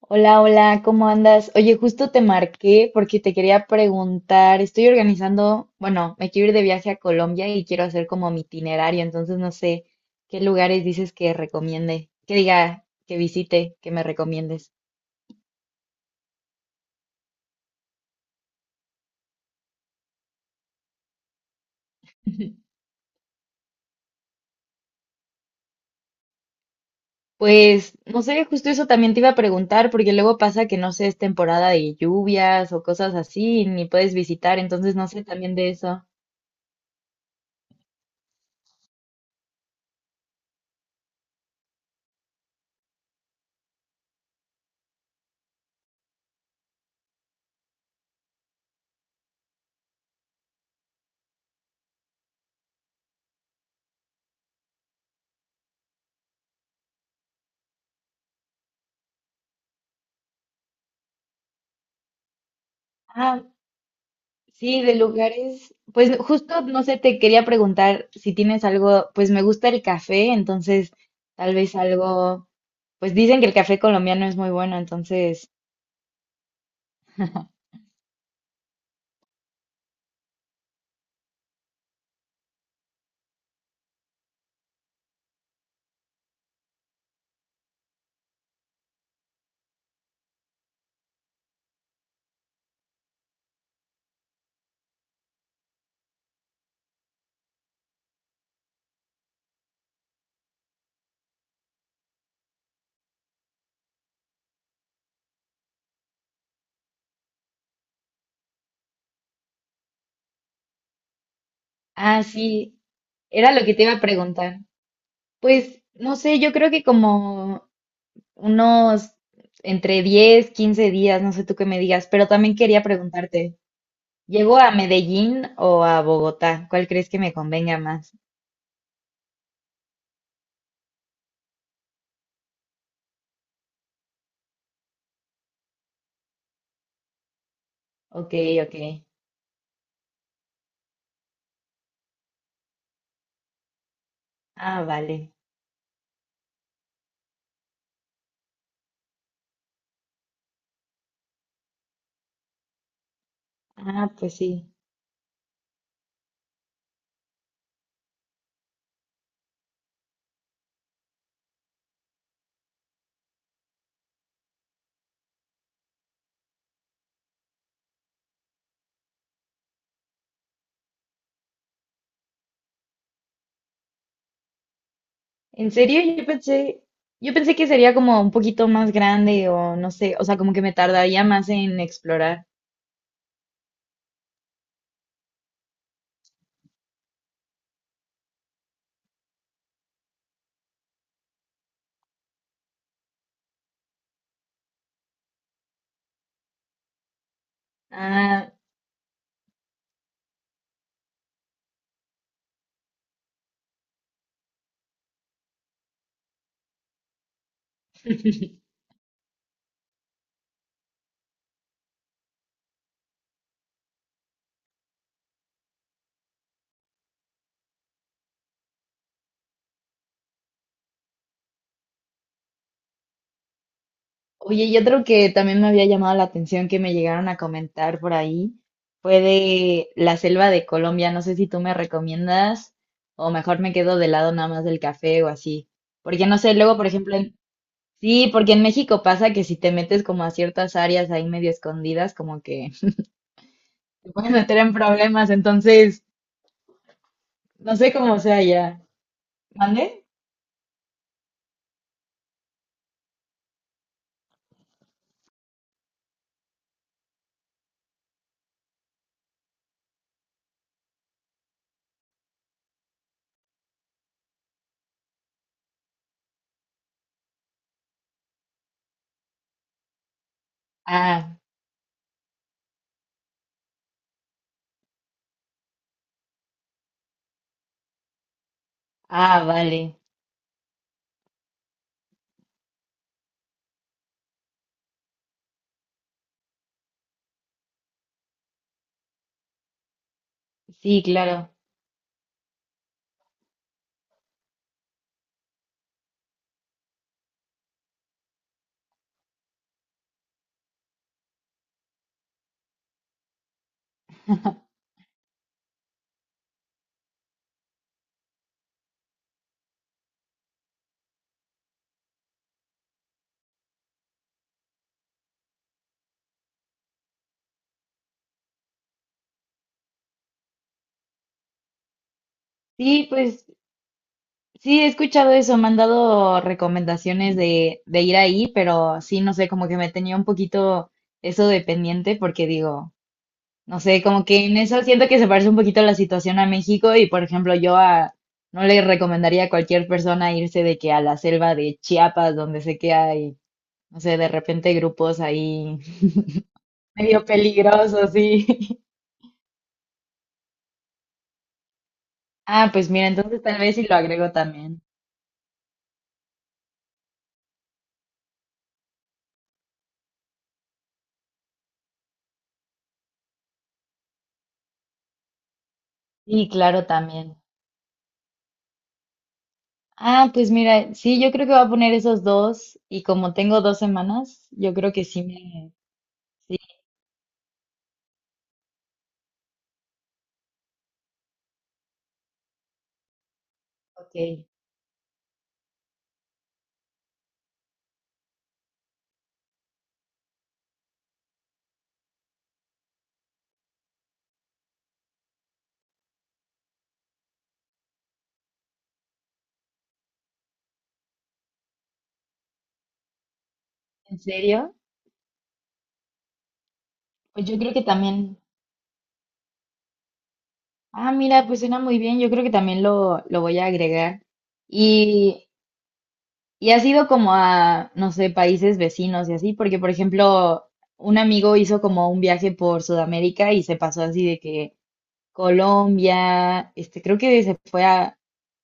Hola, hola, ¿cómo andas? Oye, justo te marqué porque te quería preguntar, estoy organizando, bueno, me quiero ir de viaje a Colombia y quiero hacer como mi itinerario, entonces no sé qué lugares dices que recomiende, que diga, que visite, que me recomiendes. Pues, no sé, justo eso también te iba a preguntar, porque luego pasa que no sé, es temporada de lluvias o cosas así, ni puedes visitar, entonces no sé también de eso. Sí, de lugares, pues justo, no sé, te quería preguntar si tienes algo, pues me gusta el café, entonces tal vez algo, pues dicen que el café colombiano es muy bueno, entonces, ah, sí, era lo que te iba a preguntar. Pues no sé, yo creo que como unos entre 10 15 días, no sé tú qué me digas, pero también quería preguntarte, ¿llego a Medellín o a Bogotá? ¿Cuál crees que me convenga más? Ok, ok. Ah, vale. Ah, pues sí. En serio, yo pensé que sería como un poquito más grande o no sé, o sea, como que me tardaría más en explorar. Ah, oye, y otro que también me había llamado la atención que me llegaron a comentar por ahí fue de la selva de Colombia. No sé si tú me recomiendas o mejor me quedo de lado nada más del café o así. Porque no sé, luego, por ejemplo, sí, porque en México pasa que si te metes como a ciertas áreas ahí medio escondidas, como que te puedes meter en problemas, entonces no sé cómo sea ya. ¿Mande? Ah, ah, vale. Sí, claro. Sí, pues sí, he escuchado eso. Me han dado recomendaciones de ir ahí, pero sí, no sé, como que me tenía un poquito eso de pendiente porque digo, no sé, como que en eso siento que se parece un poquito la situación a México y, por ejemplo, yo a, no le recomendaría a cualquier persona irse de que a la selva de Chiapas, donde sé que hay, no sé, de repente grupos ahí medio peligrosos, sí. Ah, pues mira, entonces tal vez sí lo agrego también. Y claro, también. Ah, pues mira, sí, yo creo que voy a poner esos dos y como tengo 2 semanas, yo creo que sí me... Sí, ok. ¿En serio? Pues yo creo que también... Ah, mira, pues suena muy bien, yo creo que también lo voy a agregar. Y, y ha sido como a, no sé, países vecinos y así, porque por ejemplo, un amigo hizo como un viaje por Sudamérica y se pasó así de que Colombia, este, creo que se fue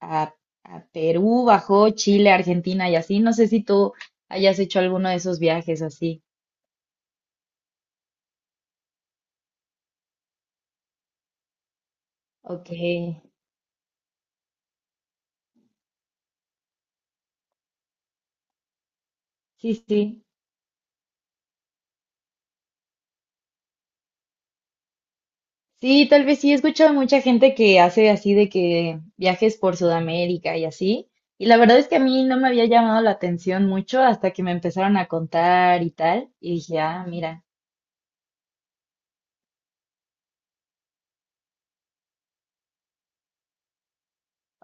a- a Perú, bajó Chile, Argentina y así. No sé si tú hayas hecho alguno de esos viajes así. Ok, sí, sí. Sí, tal vez sí, he escuchado mucha gente que hace así de que viajes por Sudamérica y así. Y la verdad es que a mí no me había llamado la atención mucho hasta que me empezaron a contar y tal. Y dije, ah, mira,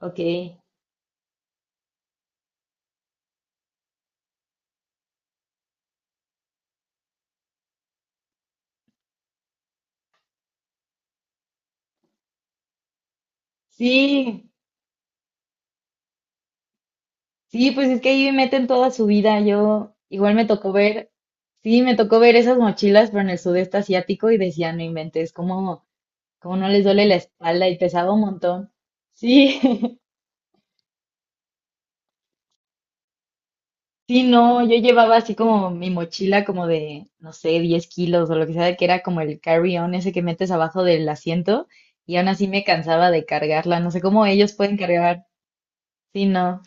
ok. Sí, sí, pues es que ahí meten toda su vida. Yo igual me tocó ver, sí, me tocó ver esas mochilas, pero en el sudeste asiático y decía, no inventes, cómo no les duele la espalda y pesaba un montón. Sí, sí, no, yo llevaba así como mi mochila como de, no sé, 10 kilos o lo que sea, que era como el carry-on ese que metes abajo del asiento y aún así me cansaba de cargarla. No sé cómo ellos pueden cargar. Sí, no,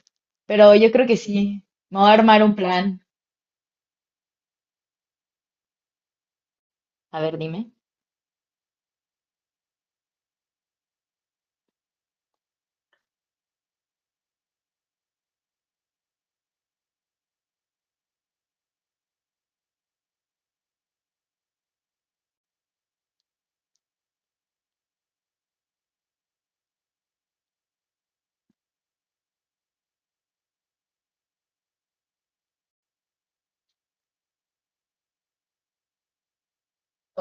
pero yo creo que sí. Me voy a armar un plan. A ver, dime.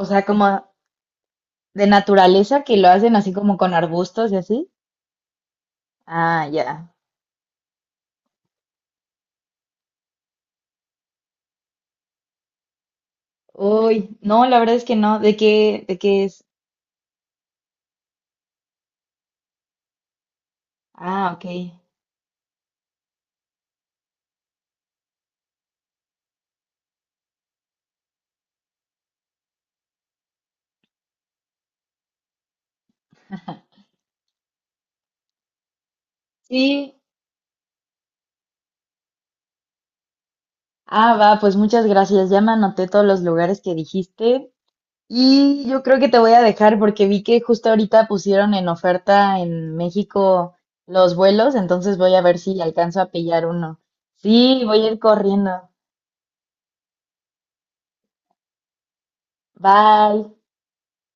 O sea, como de naturaleza que lo hacen así como con arbustos y así. Ah, ya. Uy, no, la verdad es que no. ¿De qué es? Ah, ok. Sí. Ah, va, pues muchas gracias. Ya me anoté todos los lugares que dijiste. Y yo creo que te voy a dejar porque vi que justo ahorita pusieron en oferta en México los vuelos, entonces voy a ver si alcanzo a pillar uno. Sí, voy a ir corriendo. Bye.